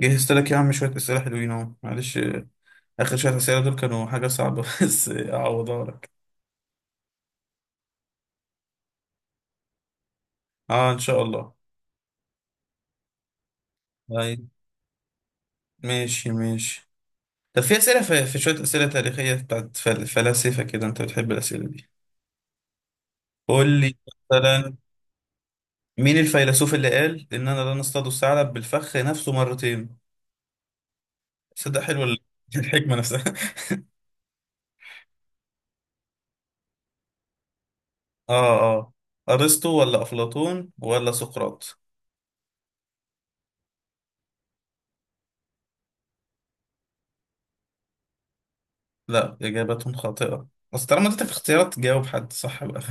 جهزت لك يا عم شوية أسئلة حلوين أهو معلش. آخر شوية أسئلة دول كانوا حاجة صعبة بس أعوضها لك. أه إن شاء الله. طيب، ماشي ماشي. طب في أسئلة في شوية أسئلة تاريخية بتاعت فلاسفة كده، أنت بتحب الأسئلة دي. قول لي مثلا، مين الفيلسوف اللي قال إننا لا نصطاد الثعلب بالفخ نفسه مرتين؟ صدق، حلو الحكمة نفسها. أه أه، أرسطو ولا أفلاطون ولا سقراط؟ لا، إجابتهم خاطئة. بس طالما اديتك اختيارات جاوب حد صح بقى.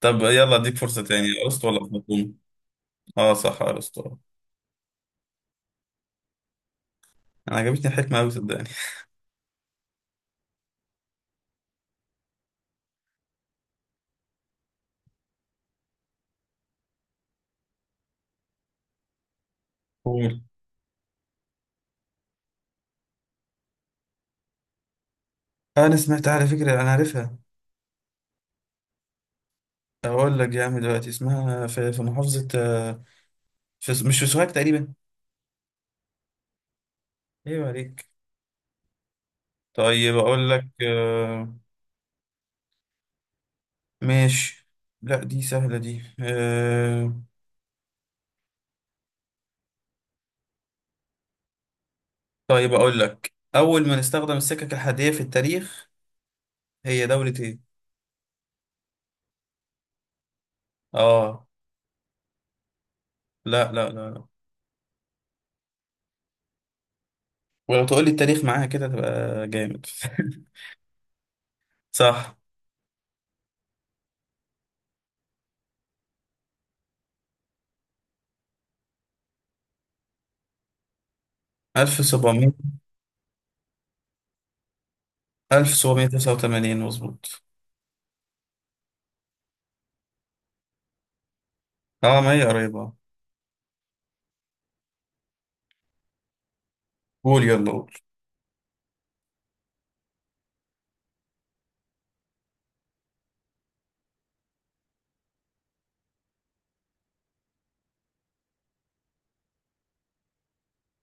طب يلا اديك فرصة تاني، ارسطو ولا افلاطون؟ اه صح، ارسطو. انا عجبتني الحكمة اوي صدقني. قول. انا سمعت على فكرة، انا عارفها. اقول لك يا عم، دلوقتي اسمها في محافظة في، مش في سوهاج تقريبا. ايوه، عليك. طيب اقول لك ماشي. لا دي سهلة دي. طيب اقول لك، اول ما نستخدم السكك الحديدية في التاريخ هي دولة ايه؟ اه، لا لا لا لا. ولو تقول لي التاريخ معاها كده تبقى جامد. صح. 1700. 1789 مظبوط. اه ما هي قريبة. قول يلا قول.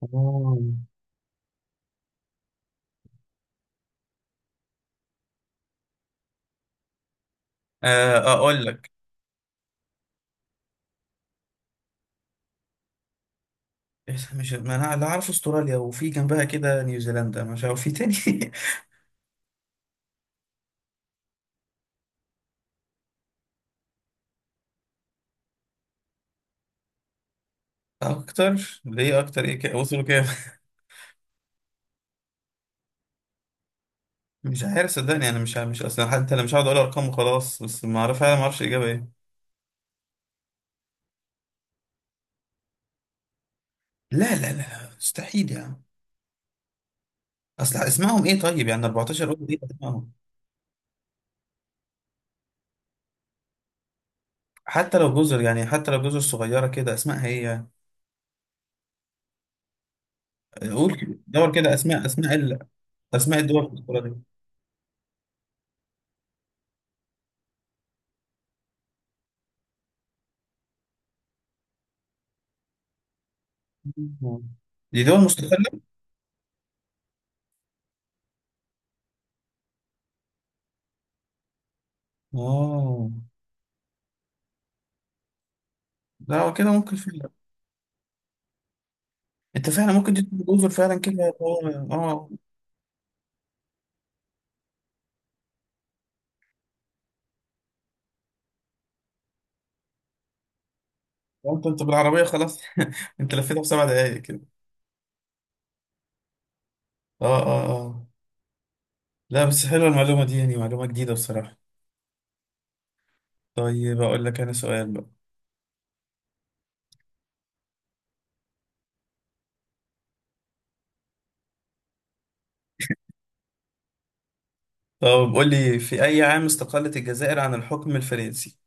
آه. اقول لك، إيه، مش ما انا اللي عارف استراليا وفي جنبها كده نيوزيلندا، مش عارف في تاني. اكتر ليه؟ اكتر ايه كده؟ وصلوا كام؟ مش عارف صدقني، انا مش عارف، مش اصلا حتى، انا مش هقعد اقول ارقام وخلاص، بس ما اعرف، انا ما اعرفش الاجابه ايه. لا لا لا، مستحيل يعني. اصل اسمائهم ايه؟ طيب يعني 14، قول ايه اسمائهم. حتى لو جزر يعني، حتى لو جزر صغيره كده، اسمائها ايه يعني؟ دور كده، اسماء اسماء. أسماء الدول في البطولة دي؟ آه. دي دول مستقلة؟ آه. لا هو كده ممكن فعلا. أنت فعلا ممكن، دي جزر فعلا كده، هو آه. هو أنت بالعربية خلاص، أنت لفيتها في 7 دقايق كده. آه آه آه. لا بس حلوة المعلومة دي، يعني معلومة جديدة بصراحة. طيب أقول لك أنا سؤال بقى. طب قول لي، في أي عام استقلت الجزائر عن الحكم الفرنسي؟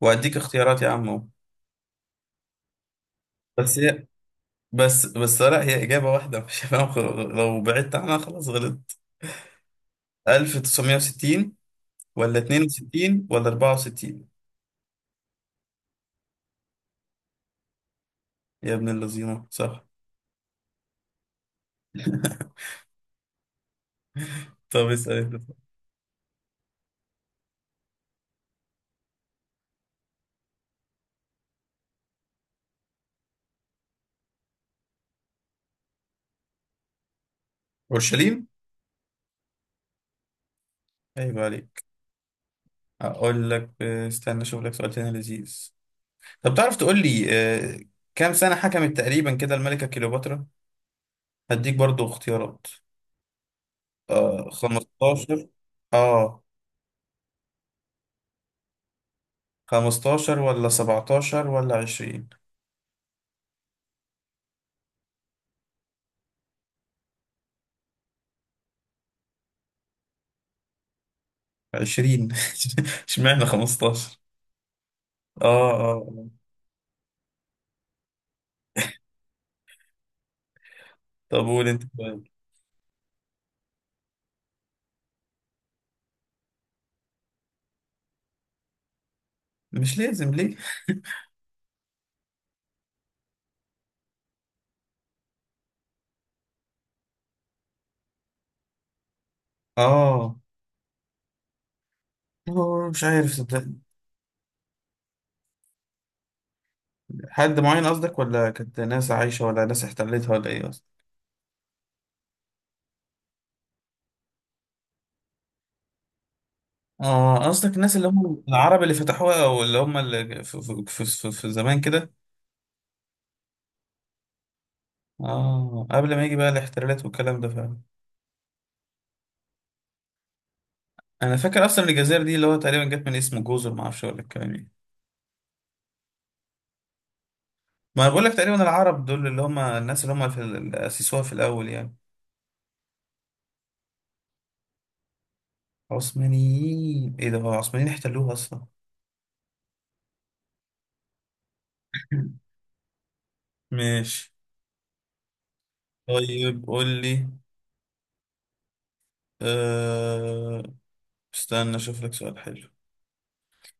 وأديك اختيارات يا عم أهو. بس هي، بس بس، لا هي إجابة واحدة، مش هفهم لو بعدت عنها خلاص غلطت. 1960 ولا 62 ولا 64؟ يا ابن اللذينة، صح. طب اسأل انت. اورشليم. عيب عليك. اقول لك استنى اشوف لك سؤال تاني لذيذ. طب تعرف تقول لي كام سنة حكمت تقريبا كده الملكة كليوباترا؟ هديك برضو اختيارات. 15؟ اه، 15 ولا 17 ولا 20؟ 20. اشمعنى 15؟ اه اه، آه. طب قول انت طيب. مش لازم ليه. اه. مش عارف صدقني. حد معين قصدك ولا كانت ناس عايشة ولا ناس احتلتها ولا ايه قصدك؟ اه، قصدك الناس اللي هم العرب اللي فتحوها او اللي هم اللي في زمان كده. اه قبل ما يجي بقى الاحتلالات والكلام ده فعلا. انا فاكر اصلا الجزائر دي اللي هو تقريبا جت من اسم جزر، ما اعرفش ولا الكلام ايه. ما بقول لك تقريبا العرب دول اللي هم الناس اللي هم في اللي اسسوها في الاول يعني. عثمانيين؟ ايه ده، هو العثمانيين احتلوها اصلا. ماشي. طيب قول لي أه... استنى اشوف لك سؤال حلو.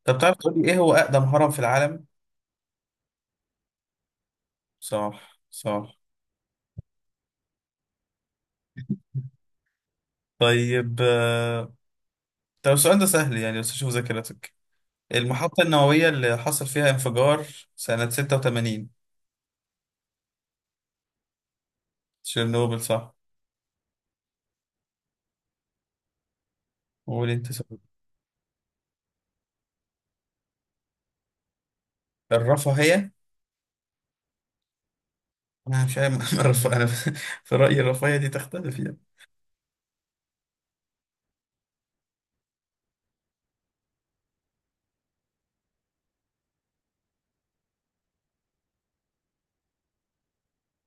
طب تعرف تقول لي ايه هو اقدم هرم في العالم؟ صح صح. طيب طب السؤال ده سهل يعني، بس اشوف ذاكرتك. المحطة النووية اللي حصل فيها انفجار سنة 86؟ تشيرنوبل، صح. قول انت سؤال. الرفاهية؟ انا مش عارف. الرفاهية، انا في رأيي الرفاهية دي تختلف يعني.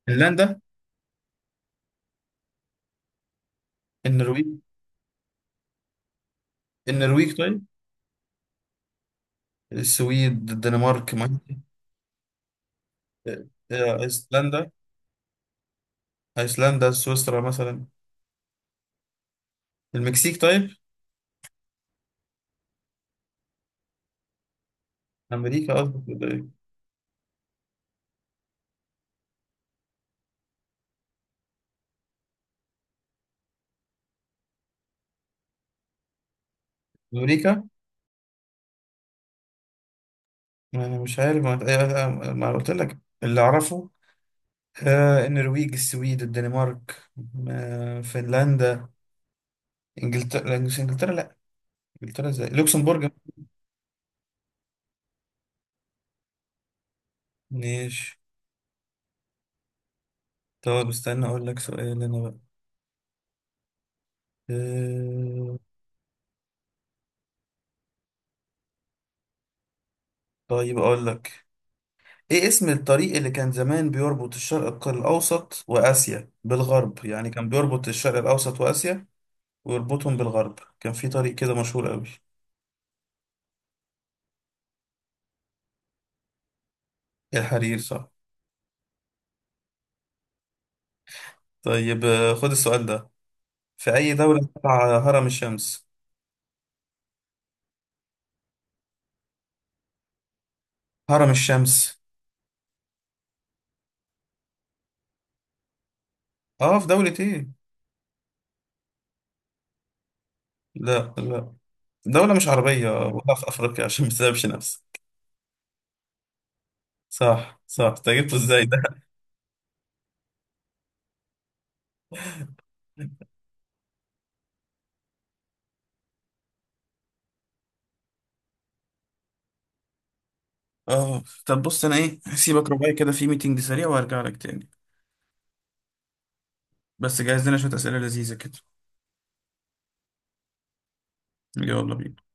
فنلندا. النرويج. النرويج طيب. السويد، الدنمارك، ما ايسلندا. ايسلندا، سويسرا مثلا. المكسيك طيب. امريكا قصدك ولا إيه؟ امريكا. أنا مش عارف، ما أنا قلت لك اللي أعرفه. النرويج، السويد، الدنمارك، فنلندا، إنجلترا، مش إنجلترا، لأ. إنجلترا إزاي؟ لوكسمبورج. ماشي. طب استنى أقول لك سؤال أنا بقى. آه، طيب أقول لك، إيه اسم الطريق اللي كان زمان بيربط الشرق الأوسط وآسيا بالغرب؟ يعني كان بيربط الشرق الأوسط وآسيا ويربطهم بالغرب، كان في طريق كده مشهور أوي. الحرير، صح. طيب خد السؤال ده. في أي دولة تقع هرم الشمس؟ هرم الشمس؟ اه في دولة ايه. لا لا، دولة مش عربية ولا في أفريقيا عشان ما تتعبش نفسك. صح صح، انت جبته ازاي ده. اه طب بص، انا ايه، هسيبك رباعي كده في ميتنج سريع وهرجع لك تاني. بس جهز لنا شوية أسئلة لذيذة كده. يلا بينا.